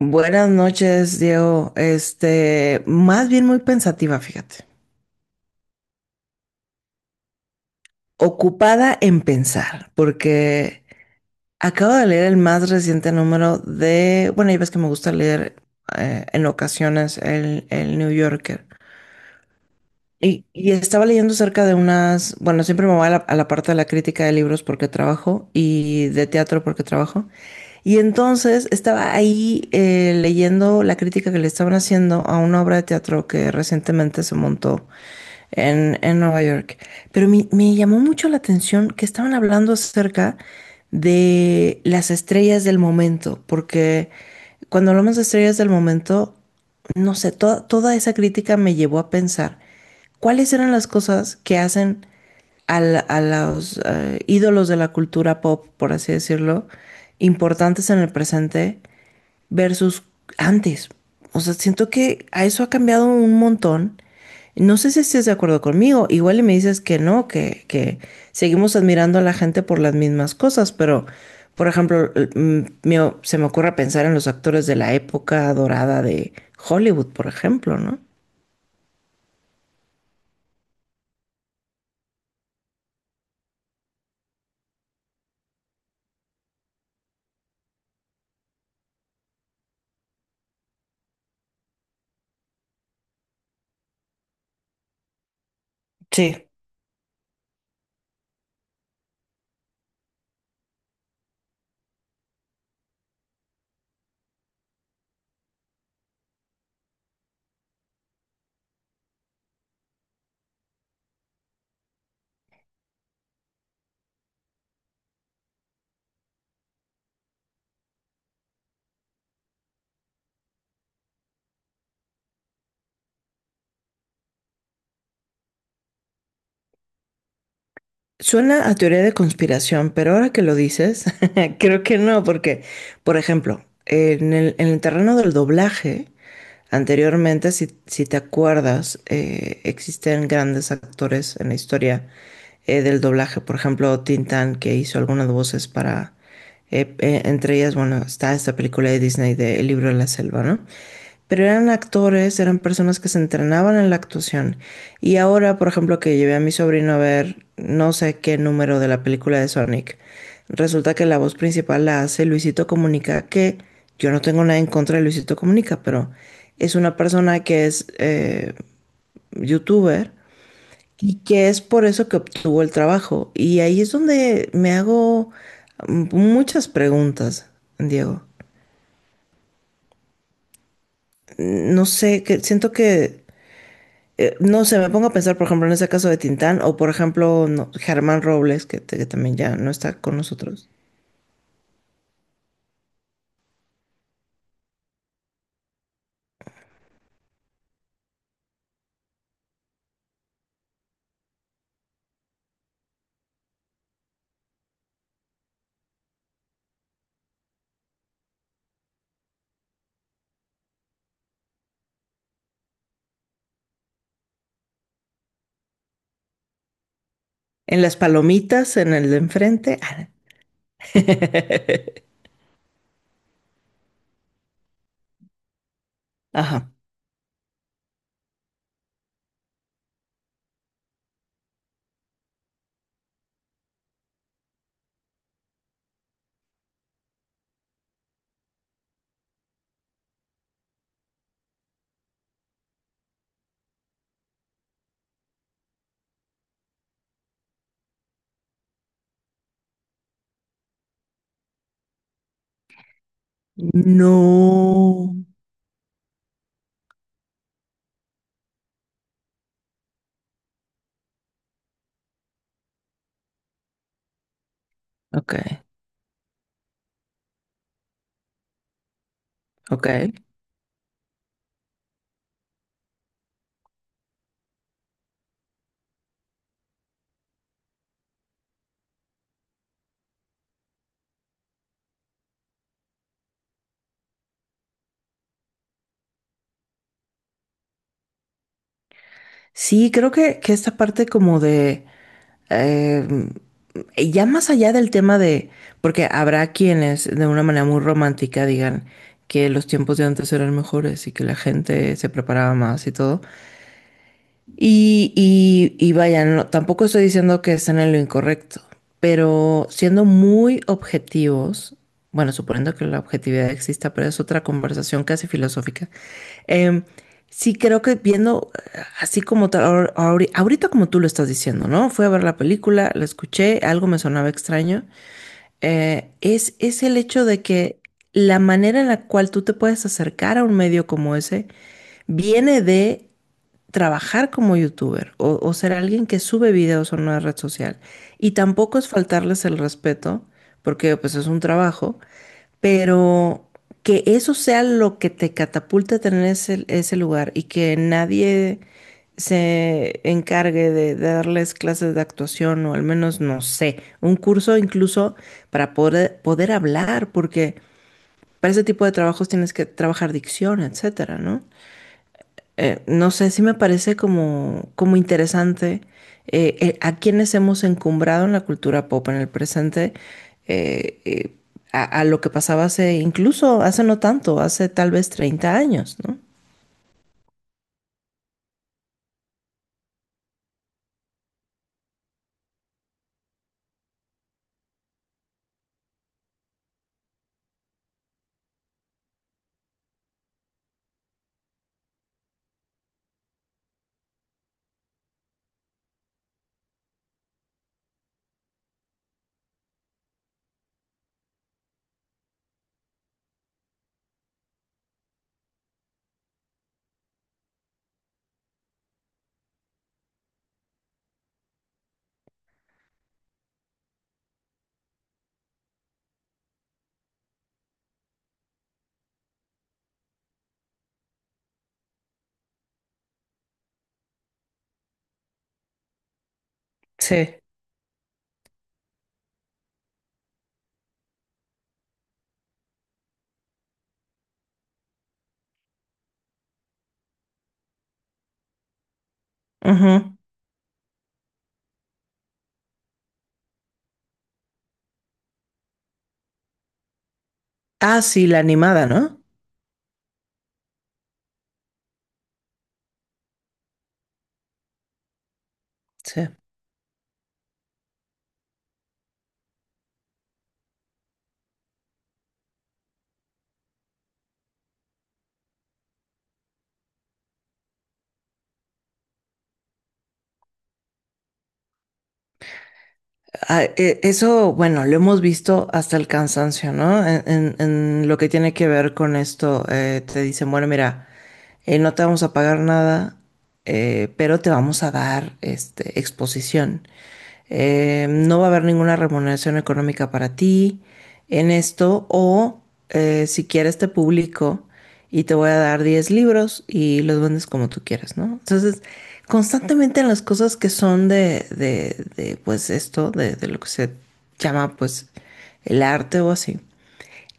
Buenas noches, Diego. Más bien muy pensativa, fíjate. Ocupada en pensar, porque acabo de leer el más reciente número de, bueno, ya ves que me gusta leer en ocasiones el New Yorker. Y estaba leyendo acerca de unas, bueno, siempre me voy a la parte de la crítica de libros porque trabajo y de teatro porque trabajo. Y entonces estaba ahí leyendo la crítica que le estaban haciendo a una obra de teatro que recientemente se montó en Nueva York. Pero me llamó mucho la atención que estaban hablando acerca de las estrellas del momento, porque cuando hablamos de estrellas del momento, no sé, toda esa crítica me llevó a pensar cuáles eran las cosas que hacen a los ídolos de la cultura pop, por así decirlo, importantes en el presente versus antes. O sea, siento que a eso ha cambiado un montón. No sé si estés de acuerdo conmigo. Igual y me dices que no, que seguimos admirando a la gente por las mismas cosas, pero, por ejemplo, se me ocurre pensar en los actores de la época dorada de Hollywood, por ejemplo, ¿no? Sí. Suena a teoría de conspiración, pero ahora que lo dices, creo que no, porque, por ejemplo, en el terreno del doblaje. Anteriormente, si te acuerdas, existen grandes actores en la historia del doblaje. Por ejemplo, Tintán, que hizo algunas voces para... entre ellas, bueno, está esta película de Disney de El libro de la selva, ¿no? Pero eran actores, eran personas que se entrenaban en la actuación. Y ahora, por ejemplo, que llevé a mi sobrino a ver no sé qué número de la película de Sonic, resulta que la voz principal la hace Luisito Comunica, que yo no tengo nada en contra de Luisito Comunica, pero es una persona que es youtuber y que es por eso que obtuvo el trabajo. Y ahí es donde me hago muchas preguntas, Diego. No sé, que siento que no sé, me pongo a pensar, por ejemplo, en ese caso de Tintán o, por ejemplo, no, Germán Robles, que, que también ya no está con nosotros. En las palomitas, en el de enfrente. Ah. Ajá. No. Ok, ok. Sí, creo que esta parte como de... eh, ya más allá del tema de... Porque habrá quienes de una manera muy romántica digan que los tiempos de antes eran mejores y que la gente se preparaba más y todo. Y vaya, no, tampoco estoy diciendo que estén en lo incorrecto, pero siendo muy objetivos, bueno, suponiendo que la objetividad exista, pero es otra conversación casi filosófica. em, sí creo que viendo así como tal, ahorita como tú lo estás diciendo, ¿no? Fui a ver la película, la escuché, algo me sonaba extraño. Es el hecho de que la manera en la cual tú te puedes acercar a un medio como ese viene de trabajar como youtuber o ser alguien que sube videos a una red social. Y tampoco es faltarles el respeto, porque pues es un trabajo, pero que eso sea lo que te catapulta a tener ese lugar y que nadie se encargue de darles clases de actuación o al menos, no sé, un curso incluso para poder hablar, porque para ese tipo de trabajos tienes que trabajar dicción, etcétera, ¿no? No sé si me parece como, como interesante a quienes hemos encumbrado en la cultura pop en el presente, eh, eh, a lo que pasaba hace, incluso hace no tanto, hace tal vez 30 años, ¿no? Sí. Ujú. Ah, sí, la animada, ¿no? Sí. Ah, eso, bueno, lo hemos visto hasta el cansancio, ¿no? En, en lo que tiene que ver con esto, te dicen, bueno, mira, no te vamos a pagar nada, pero te vamos a dar este, exposición. No va a haber ninguna remuneración económica para ti en esto, o si quieres te publico y te voy a dar 10 libros y los vendes como tú quieras, ¿no? Entonces, constantemente en las cosas que son de pues esto, de lo que se llama pues el arte o así,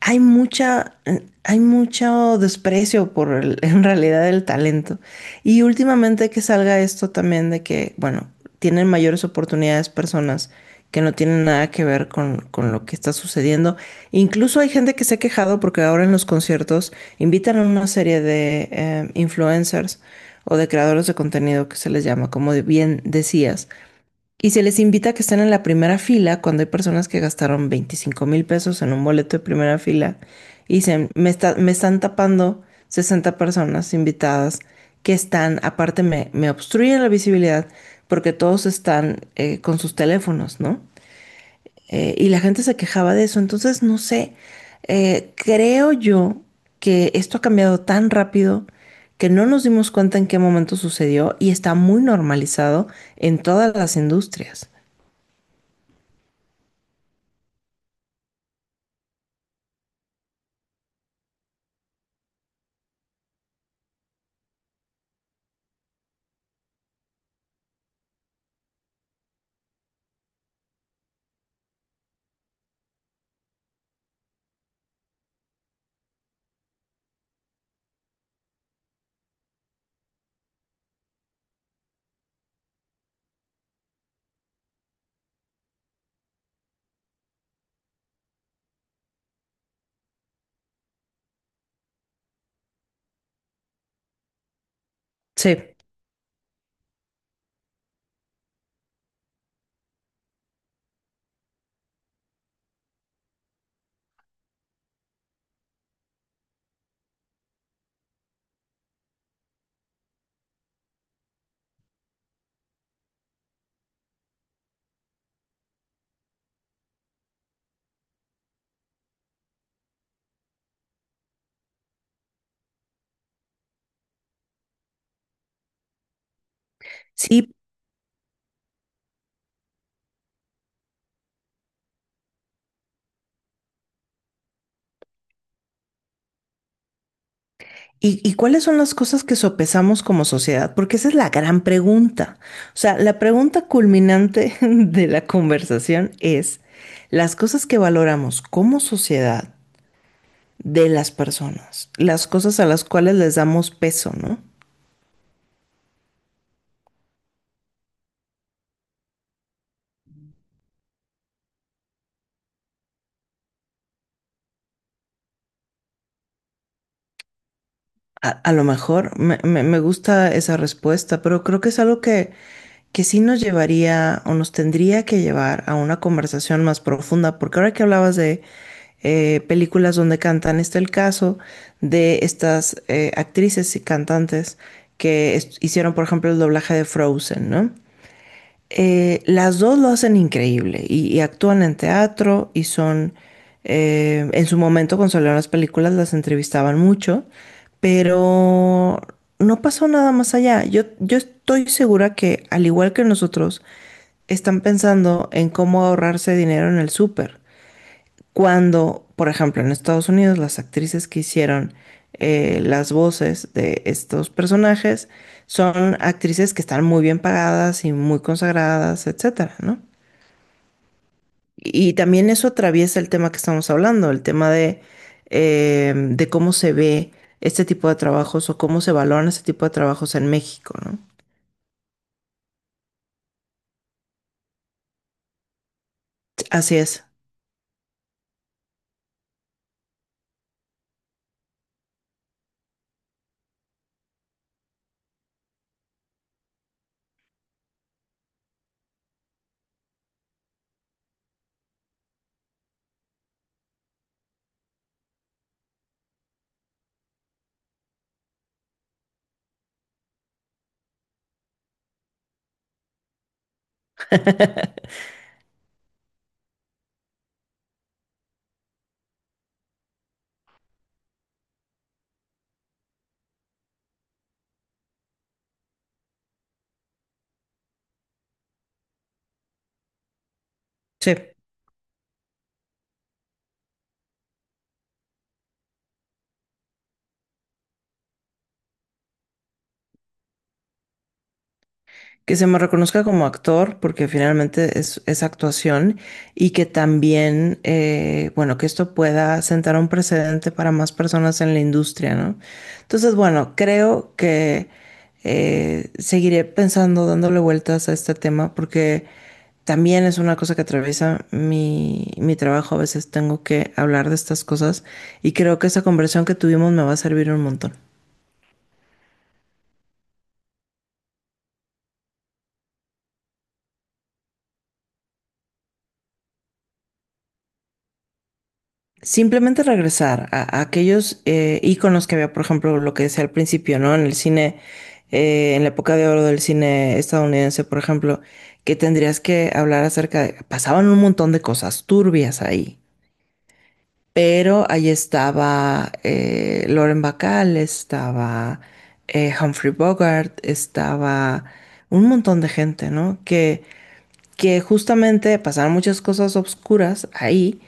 hay mucha, hay mucho desprecio por en realidad el talento. Y últimamente que salga esto también de que, bueno, tienen mayores oportunidades personas que no tienen nada que ver con lo que está sucediendo. Incluso hay gente que se ha quejado porque ahora en los conciertos invitan a una serie de influencers o de creadores de contenido que se les llama, como bien decías y se les invita a que estén en la primera fila cuando hay personas que gastaron 25,000 pesos en un boleto de primera fila y dicen, me están tapando 60 personas invitadas que están, aparte me obstruyen la visibilidad porque todos están con sus teléfonos, ¿no? Y la gente se quejaba de eso. Entonces, no sé, creo yo que esto ha cambiado tan rápido que no nos dimos cuenta en qué momento sucedió y está muy normalizado en todas las industrias. Sí, sí. ¿Y cuáles son las cosas que sopesamos como sociedad? Porque esa es la gran pregunta. O sea, la pregunta culminante de la conversación es las cosas que valoramos como sociedad de las personas, las cosas a las cuales les damos peso, ¿no? A lo mejor me gusta esa respuesta, pero creo que es algo que sí nos llevaría o nos tendría que llevar a una conversación más profunda, porque ahora que hablabas de películas donde cantan, está el caso de estas actrices y cantantes que hicieron, por ejemplo, el doblaje de Frozen, ¿no? Las dos lo hacen increíble y actúan en teatro y son, en su momento cuando salieron las películas las entrevistaban mucho, pero no pasó nada más allá. Yo estoy segura que al igual que nosotros, están pensando en cómo ahorrarse dinero en el súper. Cuando, por ejemplo, en Estados Unidos, las actrices que hicieron las voces de estos personajes son actrices que están muy bien pagadas y muy consagradas, etcétera, ¿no? Y también eso atraviesa el tema que estamos hablando, el tema de cómo se ve este tipo de trabajos o cómo se valoran este tipo de trabajos en México, ¿no? Así es. Sí. Que se me reconozca como actor, porque finalmente es actuación, y que también, bueno, que esto pueda sentar un precedente para más personas en la industria, ¿no? Entonces, bueno, creo que seguiré pensando, dándole vueltas a este tema, porque también es una cosa que atraviesa mi trabajo. A veces tengo que hablar de estas cosas y creo que esa conversación que tuvimos me va a servir un montón. Simplemente regresar a aquellos íconos que había, por ejemplo, lo que decía al principio, ¿no? En el cine, en la época de oro del cine estadounidense, por ejemplo, que tendrías que hablar acerca de... Pasaban un montón de cosas turbias ahí, pero ahí estaba Lauren Bacall, estaba Humphrey Bogart, estaba un montón de gente, ¿no? Que justamente pasaron muchas cosas oscuras ahí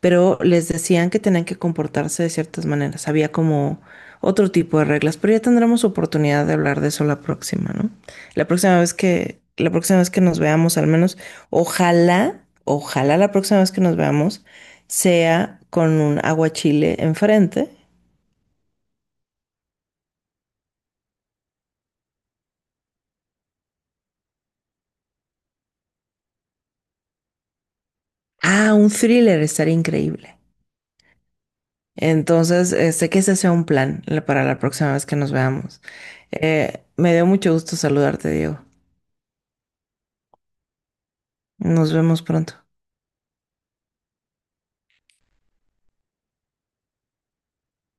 pero les decían que tenían que comportarse de ciertas maneras. Había como otro tipo de reglas, pero ya tendremos oportunidad de hablar de eso la próxima, ¿no? La próxima vez que, la próxima vez que nos veamos, al menos, ojalá, ojalá la próxima vez que nos veamos sea con un aguachile enfrente. Ah, un thriller estaría increíble. Entonces, sé que ese sea un plan para la próxima vez que nos veamos. Me dio mucho gusto saludarte, Diego. Nos vemos pronto.